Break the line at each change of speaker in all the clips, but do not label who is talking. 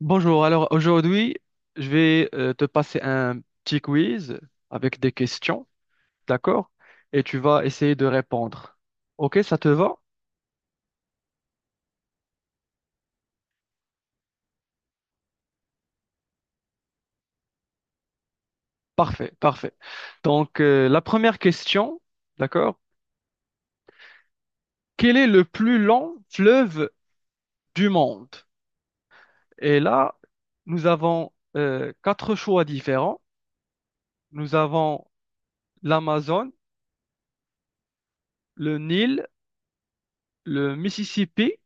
Bonjour, alors aujourd'hui, je vais te passer un petit quiz avec des questions, d'accord? Et tu vas essayer de répondre. Ok, ça te va? Parfait, parfait. Donc, la première question, d'accord? Quel est le plus long fleuve du monde? Et là, nous avons quatre choix différents. Nous avons l'Amazone, le Nil, le Mississippi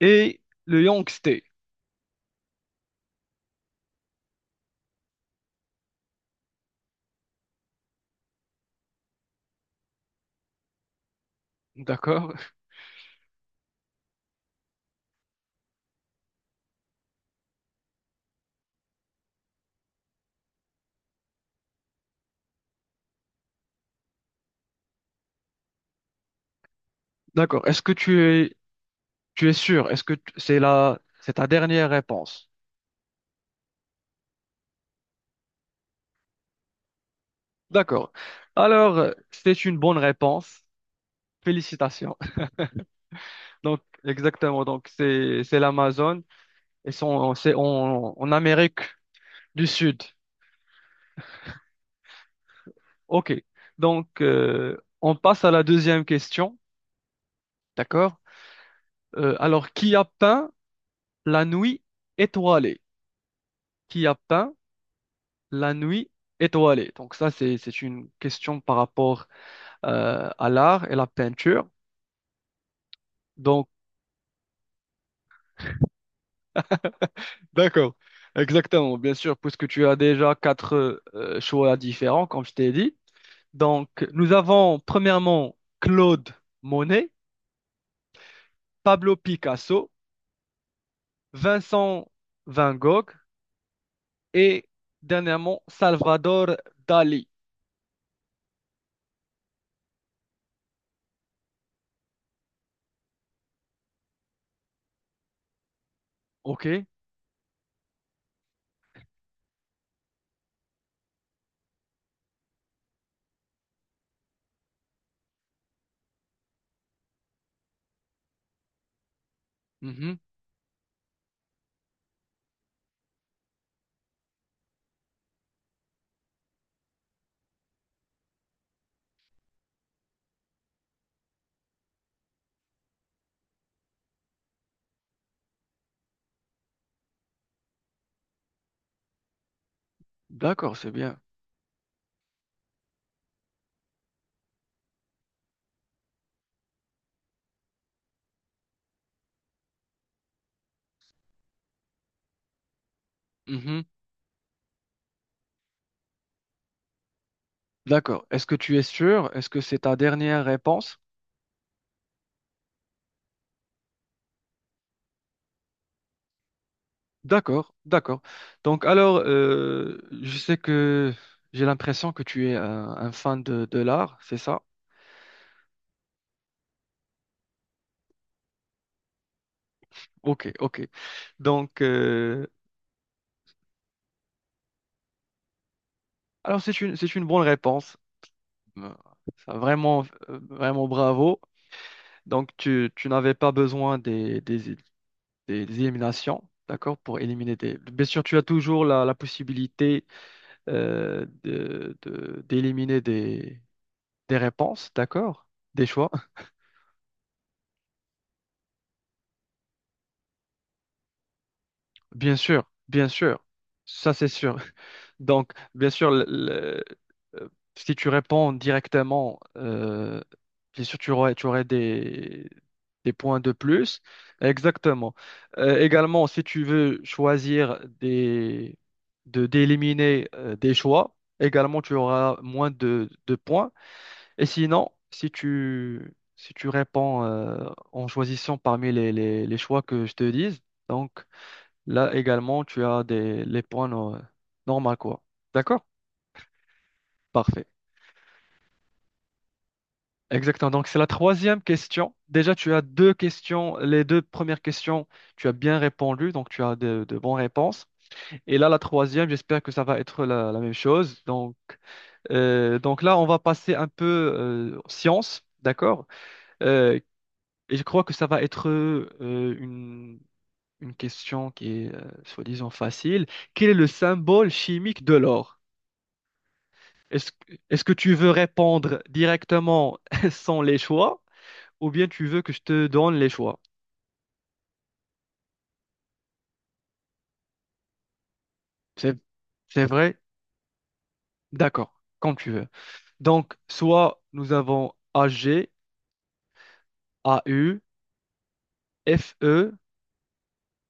et le Yangtze. D'accord? D'accord. Est-ce que tu es sûr? Est-ce que c'est c'est ta dernière réponse? D'accord. Alors, c'est une bonne réponse. Félicitations. Donc, exactement. Donc, c'est l'Amazon et sont, c'est en Amérique du Sud. OK. Donc, on passe à la deuxième question. D'accord? Alors, qui a peint la nuit étoilée? Qui a peint la nuit étoilée. Donc ça, c'est une question par rapport à l'art et la peinture. Donc, d'accord, exactement, bien sûr, puisque tu as déjà quatre choix différents, comme je t'ai dit. Donc, nous avons premièrement Claude Monet, Pablo Picasso, Vincent Van Gogh et dernièrement Salvador Dali. OK? Mhm. D'accord, c'est bien. Mhm. D'accord. Est-ce que tu es sûr? Est-ce que c'est ta dernière réponse? D'accord, d'accord. Donc alors, je sais que j'ai l'impression que tu es un fan de l'art, c'est ça? Ok, ok. Donc, alors c'est c'est une bonne réponse. Euh, Ça, vraiment, vraiment bravo. Donc tu n'avais pas besoin des éliminations, d'accord, pour éliminer des... Bien sûr, tu as toujours la possibilité d'éliminer des réponses, d'accord, des choix. Bien sûr, bien sûr, ça c'est sûr. Donc, bien sûr, euh, si tu réponds directement, bien sûr, tu aurais des points de plus. Exactement. Également, si tu veux choisir d'éliminer des choix, également, tu auras moins de points. Et sinon, si tu réponds en choisissant parmi les choix que je te dise, donc, là également, tu as des, les points normaux, quoi. D'accord? Parfait. Exactement. Donc, c'est la troisième question. Déjà, tu as deux questions. Les deux premières questions, tu as bien répondu. Donc, tu as de bonnes réponses. Et là, la troisième, j'espère que ça va être la même chose. Donc, donc là, on va passer un peu science. D'accord? Euh, et je crois que ça va être une question qui est, soi-disant, facile. Quel est le symbole chimique de l'or? Est-ce que tu veux répondre directement sans les choix ou bien tu veux que je te donne les choix? C'est, c'est vrai? D'accord, comme tu veux. Donc, soit nous avons A G A U F E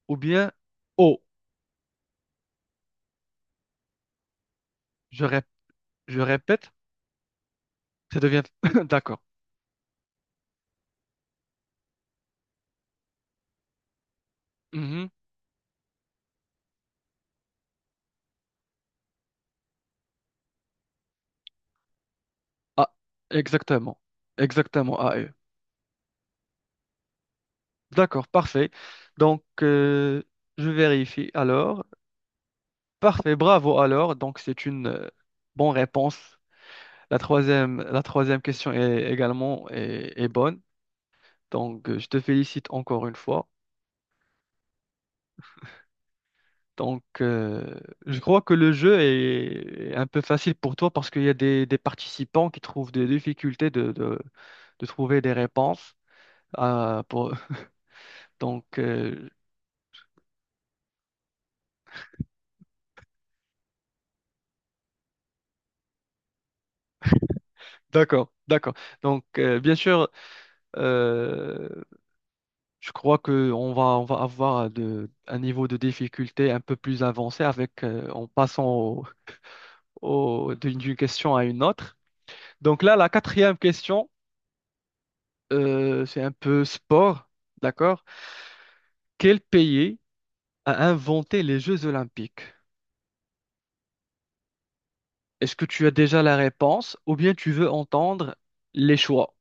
ou bien O. Je, rép- je répète, ça devient... D'accord. Mhm. Ah, exactement. Exactement, A E. D'accord, parfait. Donc, je vérifie alors. Parfait, bravo alors. Donc, c'est une bonne réponse. La troisième question est également est, est bonne. Donc, je te félicite encore une fois. Donc, je crois que le jeu est est un peu facile pour toi parce qu'il y a des participants qui trouvent des difficultés de trouver des réponses. Euh, pour... Donc, d'accord, d'accord. Donc, bien sûr, euh, je crois que on va avoir de, un niveau de difficulté un peu plus avancé avec, en passant d'une question à une autre. Donc là, la quatrième question, c'est un peu sport, d'accord? Quel pays a inventé les Jeux Olympiques? Est-ce que tu as déjà la réponse ou bien tu veux entendre les choix?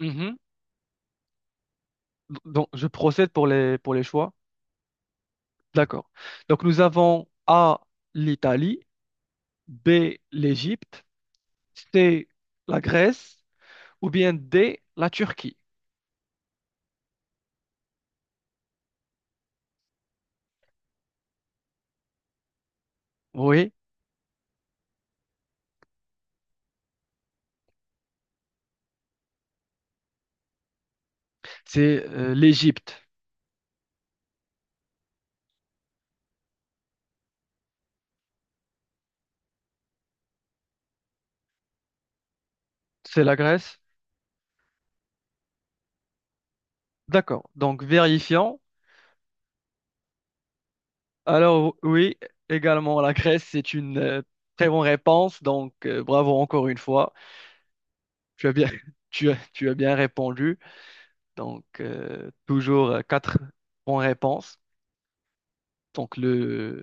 Mhm. Donc, je procède pour pour les choix. D'accord. Donc, nous avons A, l'Italie, B, l'Égypte, C, la Grèce ou bien D, la Turquie. Oui, c'est l'Égypte. C'est la Grèce. D'accord. Donc, vérifions. Alors, oui, également, la Grèce, c'est une très bonne réponse. Donc, bravo encore une fois. Tu as bien, tu as bien répondu. Donc, toujours quatre bonnes réponses. Donc,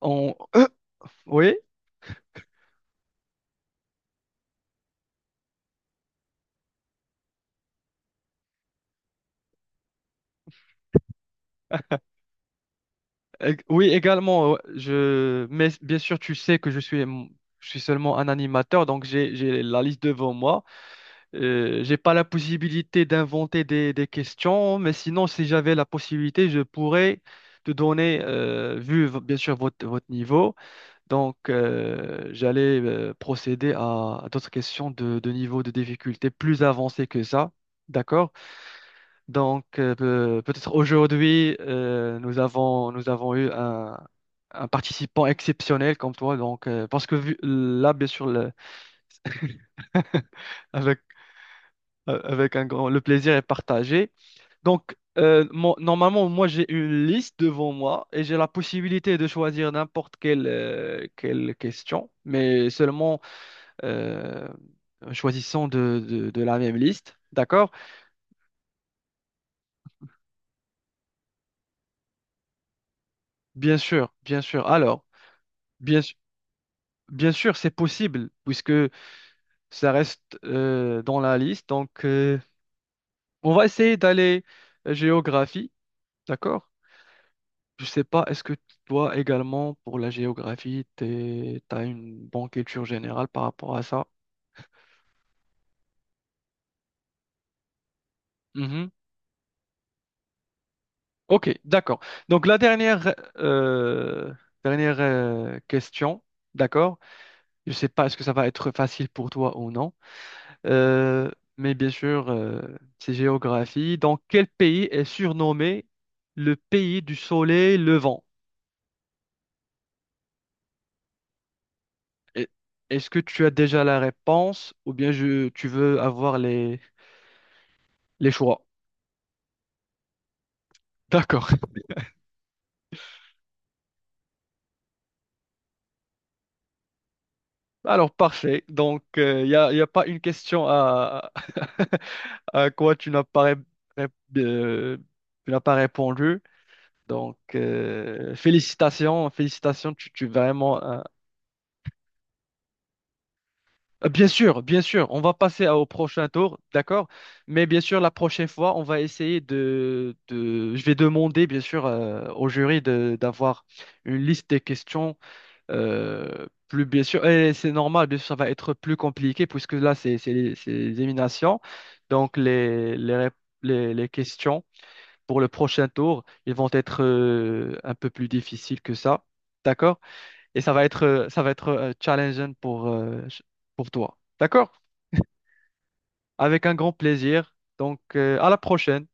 on, euh, oui, oui, également, mais bien sûr, tu sais que je suis seulement un animateur. Donc, j'ai la liste devant moi. J'ai pas la possibilité d'inventer des questions, mais sinon, si j'avais la possibilité, je pourrais te donner, bien sûr votre niveau, donc j'allais procéder à d'autres questions de niveau de difficulté plus avancé que ça. D'accord? Donc peut-être aujourd'hui, nous avons eu un participant exceptionnel comme toi, donc parce que là, bien sûr, le- avec, avec un grand, le plaisir est partagé. Donc, normalement, moi, j'ai une liste devant moi et j'ai la possibilité de choisir n'importe quelle, quelle question, mais seulement euh, en choisissant de la même liste. D'accord? Bien sûr, bien sûr. Alors, bien, su- bien sûr, c'est possible puisque ça reste dans la liste. Donc, on va essayer d'aller géographie. D'accord? Je sais pas, est-ce que toi également, pour la géographie, tu as une bonne culture générale par rapport à ça? Mhm. Ok, d'accord. Donc la dernière, dernière question, d'accord. Je sais pas est-ce que ça va être facile pour toi ou non. Euh, mais bien sûr, c'est géographie. Dans quel pays est surnommé le pays du soleil levant? Et- Est-ce que tu as déjà la réponse ou bien tu veux avoir les choix? D'accord. Alors, parfait. Donc, y a pas une question à, à quoi ré- euh, tu n'as pas répondu. Donc, félicitations, félicitations, tu es vraiment... bien sûr, bien sûr, on va passer au prochain tour, d'accord? Mais bien sûr, la prochaine fois, on va essayer de... je vais demander, bien sûr, au jury d'avoir une liste des questions. Plus bien sûr, et c'est normal, bien sûr, ça va être plus compliqué puisque là, c'est les éliminations. Donc, les questions pour le prochain tour, ils vont être un peu plus difficiles que ça. D'accord? Et ça va être challengeant pour, pour toi. D'accord? Avec un grand plaisir. Donc, à la prochaine.